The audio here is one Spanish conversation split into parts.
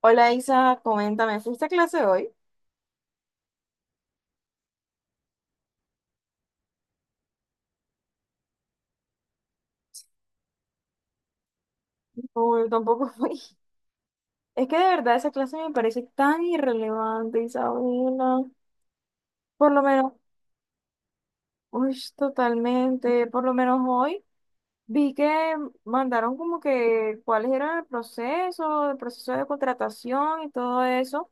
Hola Isa, coméntame, ¿fuiste a clase hoy? No, yo tampoco fui. Es que de verdad esa clase me parece tan irrelevante, Isabela. Por lo menos, uy, totalmente. Por lo menos hoy vi que mandaron como que cuáles eran el proceso de contratación y todo eso.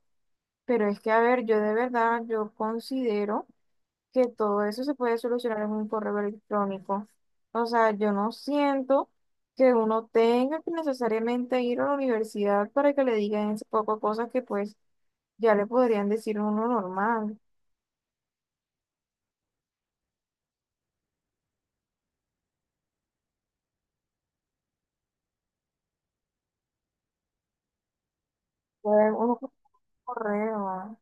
Pero es que, a ver, yo de verdad, yo considero que todo eso se puede solucionar en un correo electrónico. O sea, yo no siento que uno tenga que necesariamente ir a la universidad para que le digan ese poco de cosas que pues ya le podrían decir a uno normal. Puede uno con un correo.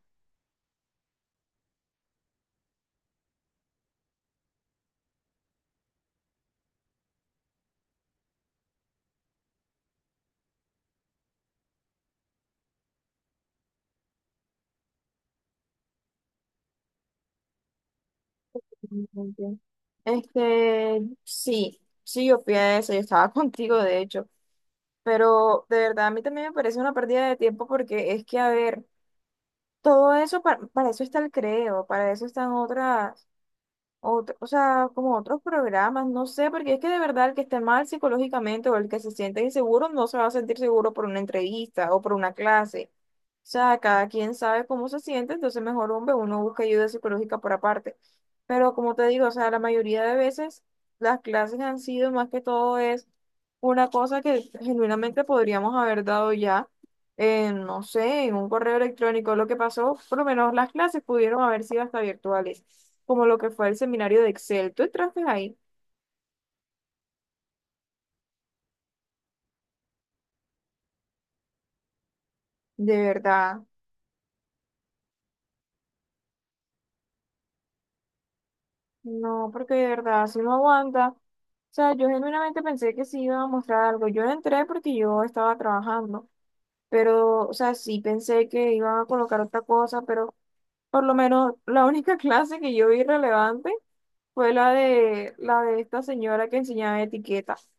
Realmente. Sí, sí, yo de eso, yo estaba contigo, de hecho, pero de verdad a mí también me parece una pérdida de tiempo porque es que, a ver, todo eso, para eso está el creo, para eso están otras o sea, como otros programas, no sé, porque es que de verdad el que esté mal psicológicamente o el que se siente inseguro no se va a sentir seguro por una entrevista o por una clase. O sea, cada quien sabe cómo se siente, entonces mejor hombre, uno busca ayuda psicológica por aparte. Pero como te digo, o sea, la mayoría de veces las clases han sido más que todo es una cosa que genuinamente podríamos haber dado ya, en, no sé, en un correo electrónico. Lo que pasó, por lo menos las clases pudieron haber sido hasta virtuales como lo que fue el seminario de Excel. Tú entraste ahí, de verdad. No, porque de verdad, si no aguanta. O sea, yo genuinamente pensé que sí iba a mostrar algo. Yo no entré porque yo estaba trabajando, pero, o sea, sí pensé que iban a colocar otra cosa, pero por lo menos la única clase que yo vi relevante fue la de esta señora que enseñaba etiquetas.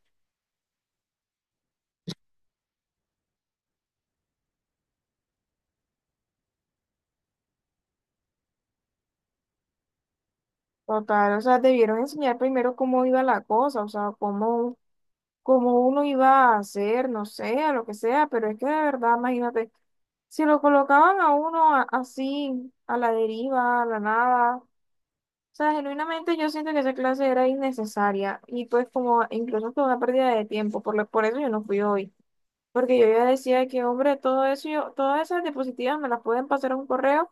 Total, o sea, debieron enseñar primero cómo iba la cosa, o sea, cómo como uno iba a hacer, no sé, a lo que sea, pero es que de verdad, imagínate, si lo colocaban a uno así, a la deriva, a la nada, o sea, genuinamente yo siento que esa clase era innecesaria y pues como incluso fue una pérdida de tiempo, por eso yo no fui hoy, porque yo ya decía que, hombre, todo eso, yo, todas esas diapositivas me las pueden pasar a un correo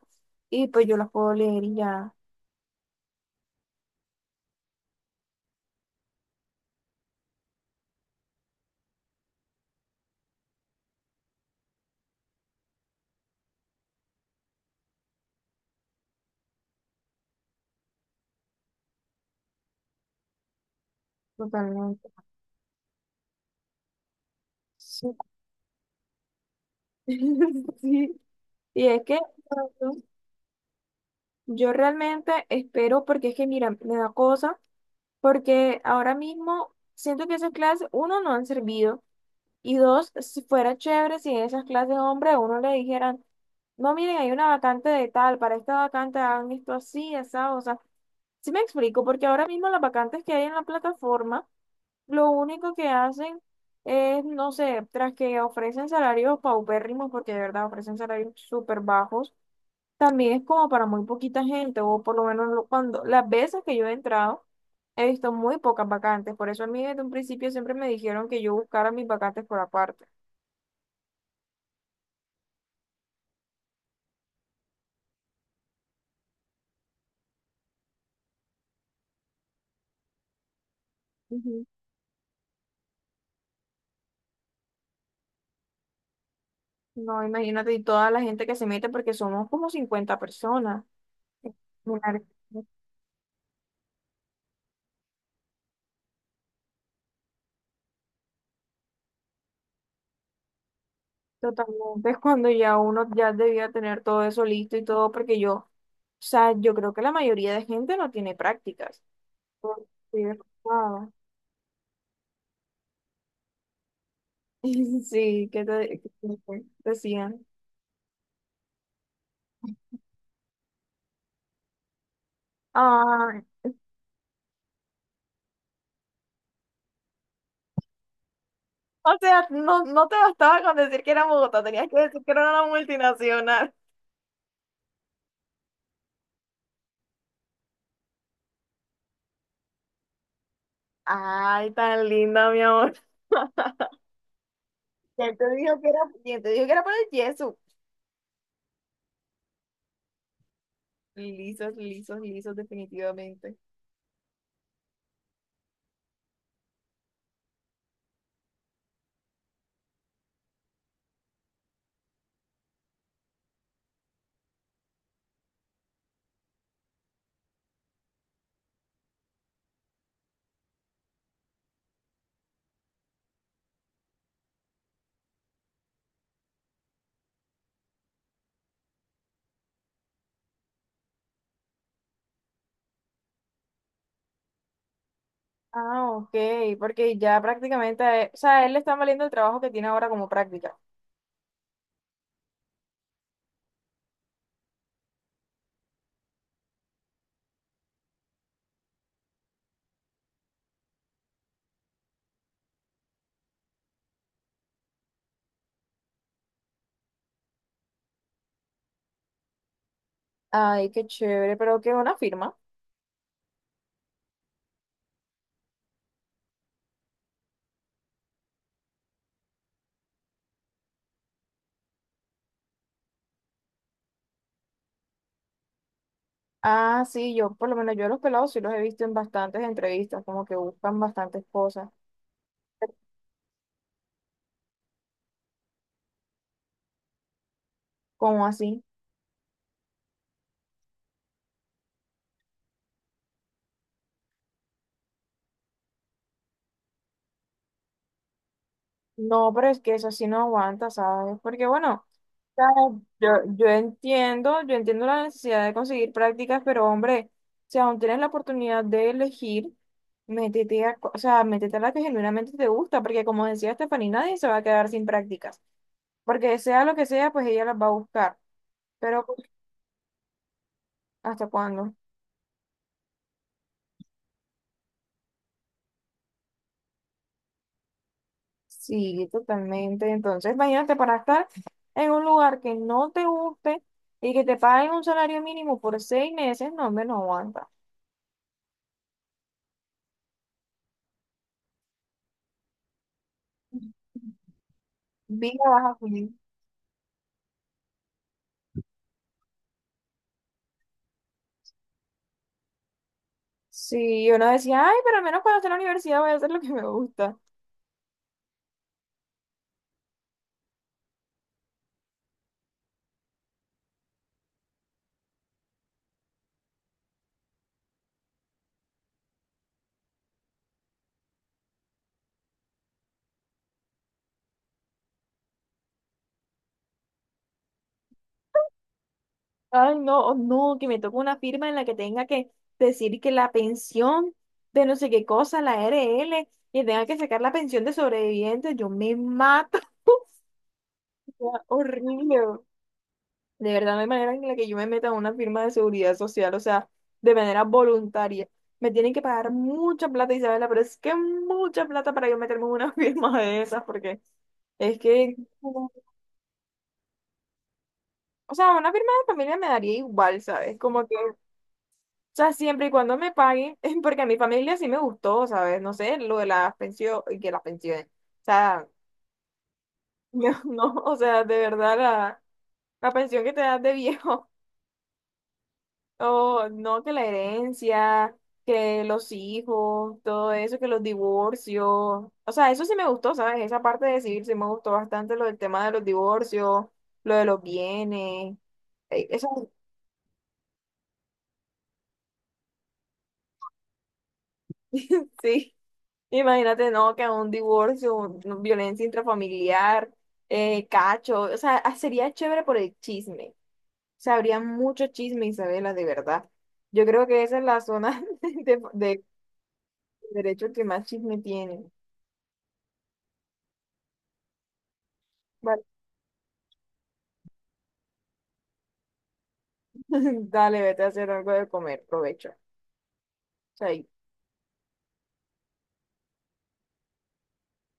y pues yo las puedo leer y ya, totalmente. Sí. Sí. Y es que... Yo realmente espero, porque es que, mira, me da cosa, porque ahora mismo siento que esas clases, uno, no han servido, y dos, si fuera chévere si en esas clases, hombre, a uno le dijeran, no, miren, hay una vacante de tal, para esta vacante hagan esto así, esa, o sea, sí me explico, porque ahora mismo las vacantes que hay en la plataforma, lo único que hacen es, no sé, tras que ofrecen salarios paupérrimos, porque de verdad ofrecen salarios súper bajos también es como para muy poquita gente, o por lo menos cuando las veces que yo he entrado, he visto muy pocas vacantes. Por eso a mí desde un principio siempre me dijeron que yo buscara mis vacantes por aparte. Ujú. No, imagínate, y toda la gente que se mete, porque somos como 50 personas. Mirar. Totalmente, es cuando ya uno ya debía tener todo eso listo y todo, porque yo, o sea, yo creo que la mayoría de gente no tiene prácticas. Por- sí, ah, sí, que te decían. Ah, o sea, no, no te bastaba con decir que era Bogotá, tenías que decir que era una multinacional. Ay, tan linda, mi amor. ¿Quién te dijo que era por el yeso? Lisos, lisos, lisos, definitivamente. Ah, ok, porque ya prácticamente, o sea, a él le está valiendo el trabajo que tiene ahora como práctica. Ay, qué chévere, pero qué buena firma. Ah, sí, yo por lo menos yo a los pelados sí los he visto en bastantes entrevistas, como que buscan bastantes cosas. ¿Cómo así? No, pero es que eso sí no aguanta, ¿sabes? Porque bueno, ¿sabes? Yo entiendo la necesidad de conseguir prácticas, pero hombre, si aún tienes la oportunidad de elegir, o sea, métete a la que genuinamente te gusta, porque como decía Stephanie, nadie se va a quedar sin prácticas, porque sea lo que sea, pues ella las va a buscar, pero pues, ¿hasta cuándo? Sí, totalmente. Entonces, imagínate para estar en un lugar que no te guste y que te paguen un salario mínimo por 6 meses, no, hombre, no aguanta. Vida baja, Juli. Sí, uno decía, ay, pero al menos cuando esté en la universidad voy a hacer lo que me gusta. Ay, no, oh, no, que me toque una firma en la que tenga que decir que la pensión de no sé qué cosa, la RL, y tenga que sacar la pensión de sobrevivientes, yo me mato. Sería horrible. De verdad, no hay manera en la que yo me meta a una firma de seguridad social, o sea, de manera voluntaria. Me tienen que pagar mucha plata, Isabela, pero es que mucha plata para yo meterme en una firma de esas, porque es que... O sea, una firma de familia me daría igual, ¿sabes? Como que, o sea, siempre y cuando me paguen, porque a mi familia sí me gustó, ¿sabes? No sé, lo de las pensiones, que las pensiones. O sea, no, no, o sea, de verdad la pensión que te das de viejo, o no, que la herencia, que los hijos, todo eso, que los divorcios. O sea, eso sí me gustó, ¿sabes? Esa parte de civil sí me gustó bastante, lo del tema de los divorcios, lo de los bienes. Eso, sí. Imagínate, no, que un divorcio, violencia intrafamiliar, cacho, o sea, ah, sería chévere por el chisme. O sea, habría mucho chisme, Isabela, de verdad. Yo creo que esa es la zona de derecho que más chisme tiene. Vale. Dale, vete a hacer algo de comer, provecho. Chaito.